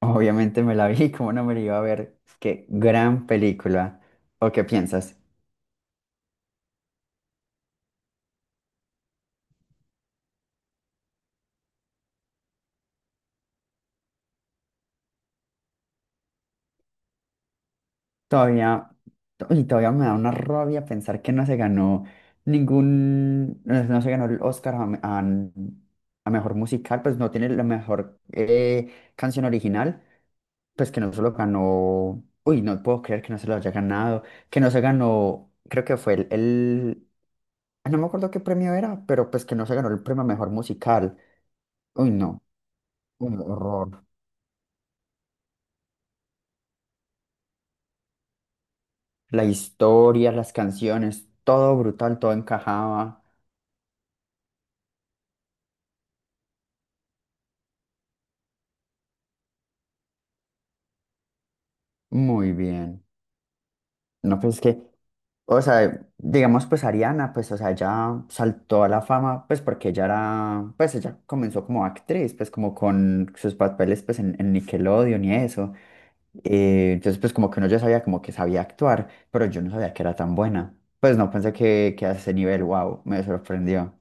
Obviamente me la vi, ¿cómo no me la iba a ver? Qué gran película. ¿O qué piensas? Todavía, y todavía me da una rabia pensar que no se ganó ningún, no, no se ganó el Oscar a mejor musical, pues no tiene la mejor canción original, pues que no se lo ganó. Uy, no puedo creer que no se lo haya ganado, que no se ganó. Creo que fue no me acuerdo qué premio era, pero pues que no se ganó el premio a mejor musical. Uy, no, un horror. La historia, las canciones, todo brutal, todo encajaba muy bien. No, pues es que, o sea, digamos, pues Ariana, pues, o sea, ella saltó a la fama, pues porque ella era, pues ella comenzó como actriz, pues como con sus papeles, pues en Nickelodeon y eso. Entonces, pues como que uno ya sabía como que sabía actuar, pero yo no sabía que era tan buena. Pues no pensé que a ese nivel, wow, me sorprendió.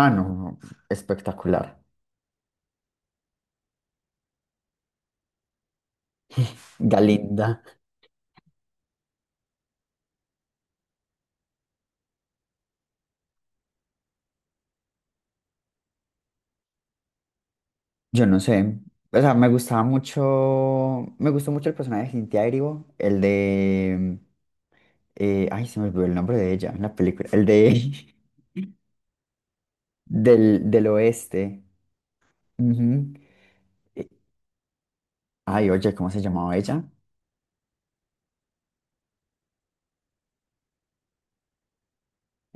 Ah, no, espectacular. Galinda. Yo no sé. O sea, me gustaba mucho. Me gustó mucho el personaje de Cynthia Erivo, el de. Ay, se me olvidó el nombre de ella en la película. El de. Del oeste. Ujú. Eh, Ay, oye, ¿cómo se llamaba ella?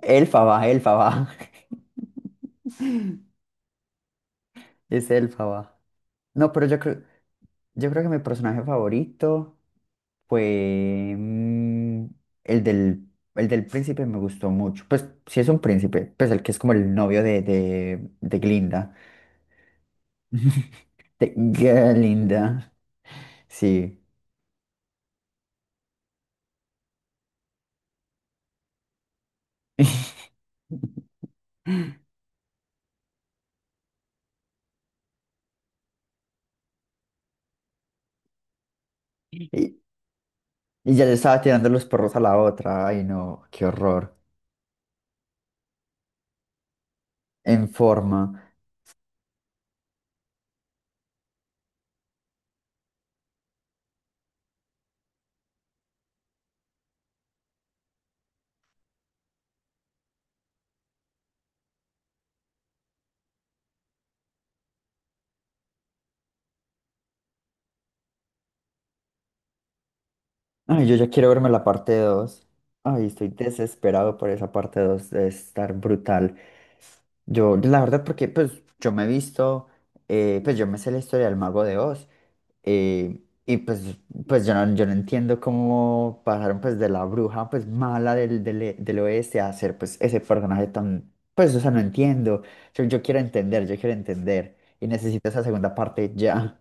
Elfaba, Elfaba. Es Elfaba. No, pero yo creo que mi personaje favorito fue. mm, el del. El del príncipe me gustó mucho. Pues sí es un príncipe. Pues el que es como el novio de Glinda. Qué linda. Sí. Y, y ya le estaba tirando los perros a la otra. Ay, no, qué horror. En forma. Ay, yo ya quiero verme la parte 2. Ay, estoy desesperado por esa parte 2 de estar brutal. Yo, la verdad, porque pues yo me sé la historia del Mago de Oz. Y pues yo no entiendo cómo pasaron pues de la bruja pues mala del oeste a ser pues ese personaje tan, pues o sea, no entiendo. Yo quiero entender, yo quiero entender. Y necesito esa segunda parte ya.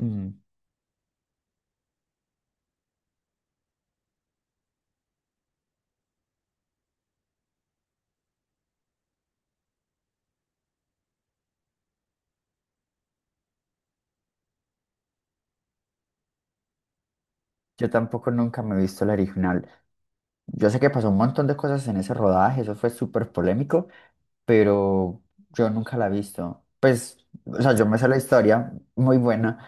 Mm. Yo tampoco nunca me he visto la original. Yo sé que pasó un montón de cosas en ese rodaje, eso fue súper polémico, pero yo nunca la he visto. Pues, o sea, yo me sé la historia, muy buena.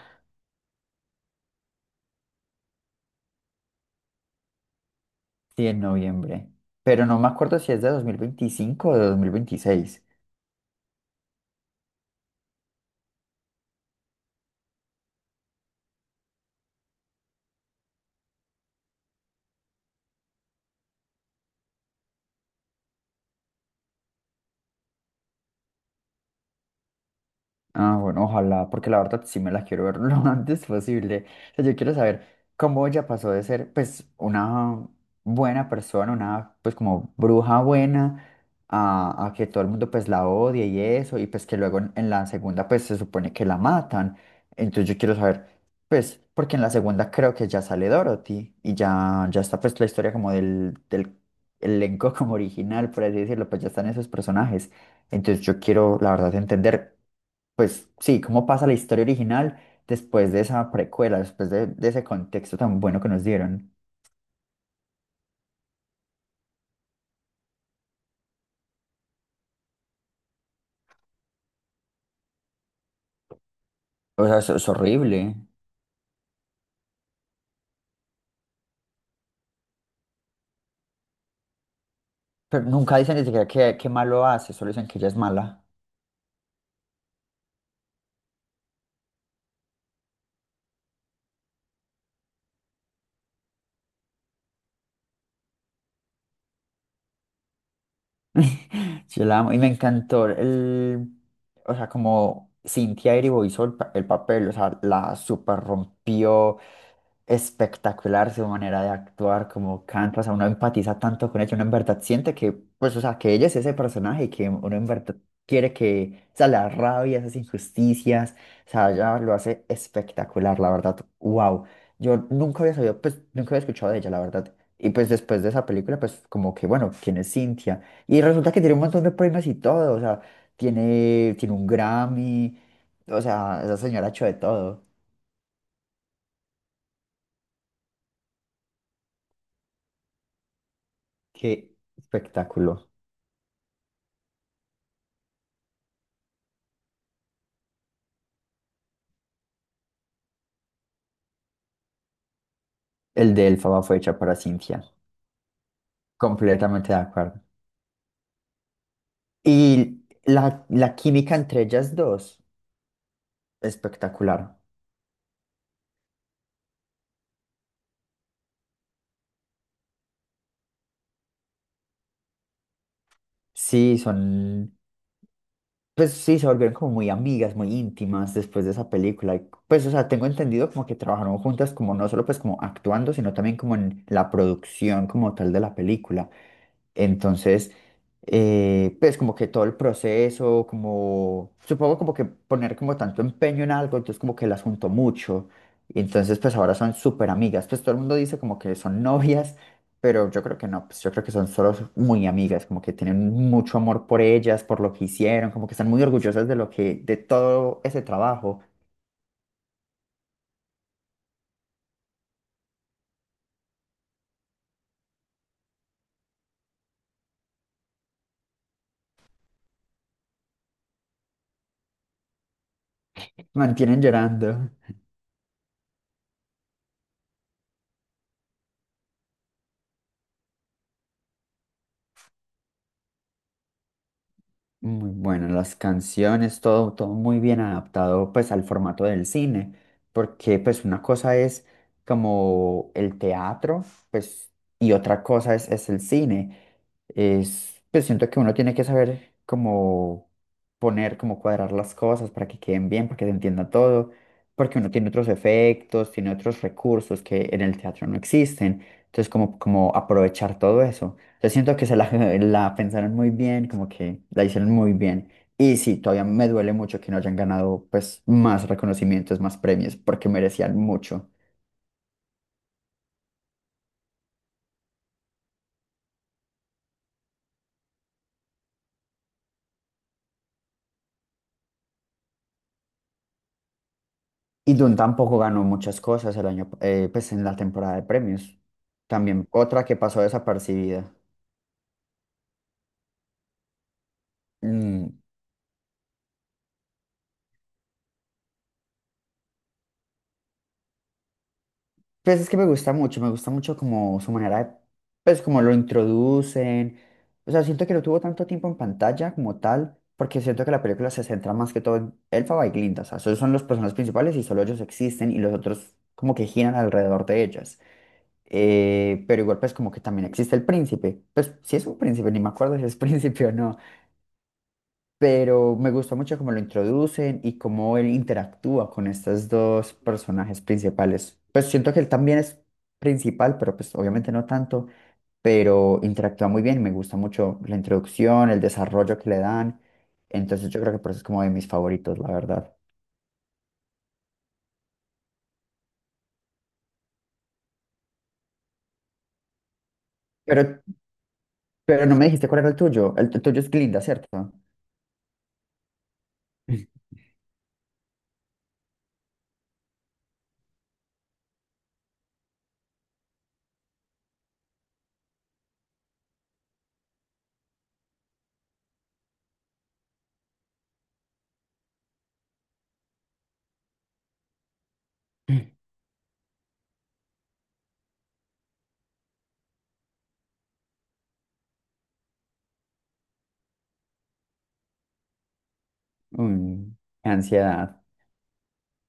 Sí, en noviembre. Pero no me acuerdo si es de 2025 o de 2026. Ah, bueno, ojalá, porque la verdad sí me la quiero ver lo antes posible. O sea, yo quiero saber cómo ella pasó de ser, pues, una buena persona, una, pues, como bruja buena, a que todo el mundo pues la odie y eso, y pues que luego en la segunda pues se supone que la matan. Entonces yo quiero saber, pues, porque en la segunda creo que ya sale Dorothy y ya está pues la historia como del elenco como original, por así decirlo, pues ya están esos personajes. Entonces yo quiero, la verdad, entender, pues sí, cómo pasa la historia original después de esa precuela, después de ese contexto tan bueno que nos dieron. O sea, es horrible. Pero nunca dicen ni siquiera que malo hace, solo dicen que ella es mala. Yo la amo y me encantó el, o sea, como Cynthia Erivo hizo el papel, o sea, la super rompió, espectacular su manera de actuar, como canta, o sea, uno empatiza tanto con ella, uno en verdad siente que, pues, o sea, que ella es ese personaje y que uno en verdad quiere que, o sea, la rabia, esas injusticias, o sea, ella lo hace espectacular, la verdad, wow. Yo nunca había sabido, pues, nunca había escuchado de ella, la verdad. Y pues después de esa película, pues como que, bueno, ¿quién es Cintia? Y resulta que tiene un montón de premios y todo, o sea, tiene un Grammy, o sea, esa señora ha hecho de todo. Qué espectáculo. El de Elfaba fue hecha para Cintia. Completamente de acuerdo. Y la química entre ellas dos, espectacular. Sí, son, pues sí, se volvieron como muy amigas, muy íntimas después de esa película. Y, pues, o sea, tengo entendido como que trabajaron juntas como no solo pues como actuando, sino también como en la producción como tal de la película. Entonces, pues como que todo el proceso, como, supongo como que poner como tanto empeño en algo, entonces como que las juntó mucho. Y entonces pues ahora son súper amigas, pues todo el mundo dice como que son novias, pero yo creo que no, pues yo creo que son solo muy amigas, como que tienen mucho amor por ellas, por lo que hicieron, como que están muy orgullosas de lo que, de todo ese trabajo, mantienen llorando. Muy bueno, las canciones, todo, todo muy bien adaptado pues al formato del cine, porque pues una cosa es como el teatro, pues, y otra cosa es el cine. Es, pues siento que uno tiene que saber cómo poner, cómo cuadrar las cosas para que queden bien, para que se entienda todo, porque uno tiene otros efectos, tiene otros recursos que en el teatro no existen. Entonces, como aprovechar todo eso. Yo siento que se la, la pensaron muy bien, como que la hicieron muy bien. Y sí, todavía me duele mucho que no hayan ganado pues más reconocimientos, más premios, porque merecían mucho. Y Dune tampoco ganó muchas cosas el año, pues en la temporada de premios. También otra que pasó desapercibida. Mm. Pues es que me gusta mucho como su manera de, pues como lo introducen. O sea, siento que no tuvo tanto tiempo en pantalla como tal, porque siento que la película se centra más que todo en Elphaba y Glinda. O sea, esos son los personajes principales y solo ellos existen y los otros como que giran alrededor de ellas. Pero igual pues como que también existe el príncipe. Pues si es un príncipe, ni me acuerdo si es príncipe o no, pero me gusta mucho cómo lo introducen y cómo él interactúa con estos dos personajes principales. Pues siento que él también es principal, pero pues obviamente no tanto, pero interactúa muy bien, me gusta mucho la introducción, el desarrollo que le dan, entonces yo creo que por eso es como de mis favoritos, la verdad. Pero, pero no me dijiste cuál era el tuyo es Glinda, ¿cierto? Uy, qué ansiedad,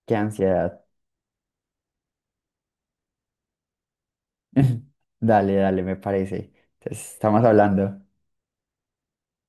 qué ansiedad. Dale, dale, me parece. Entonces, estamos hablando.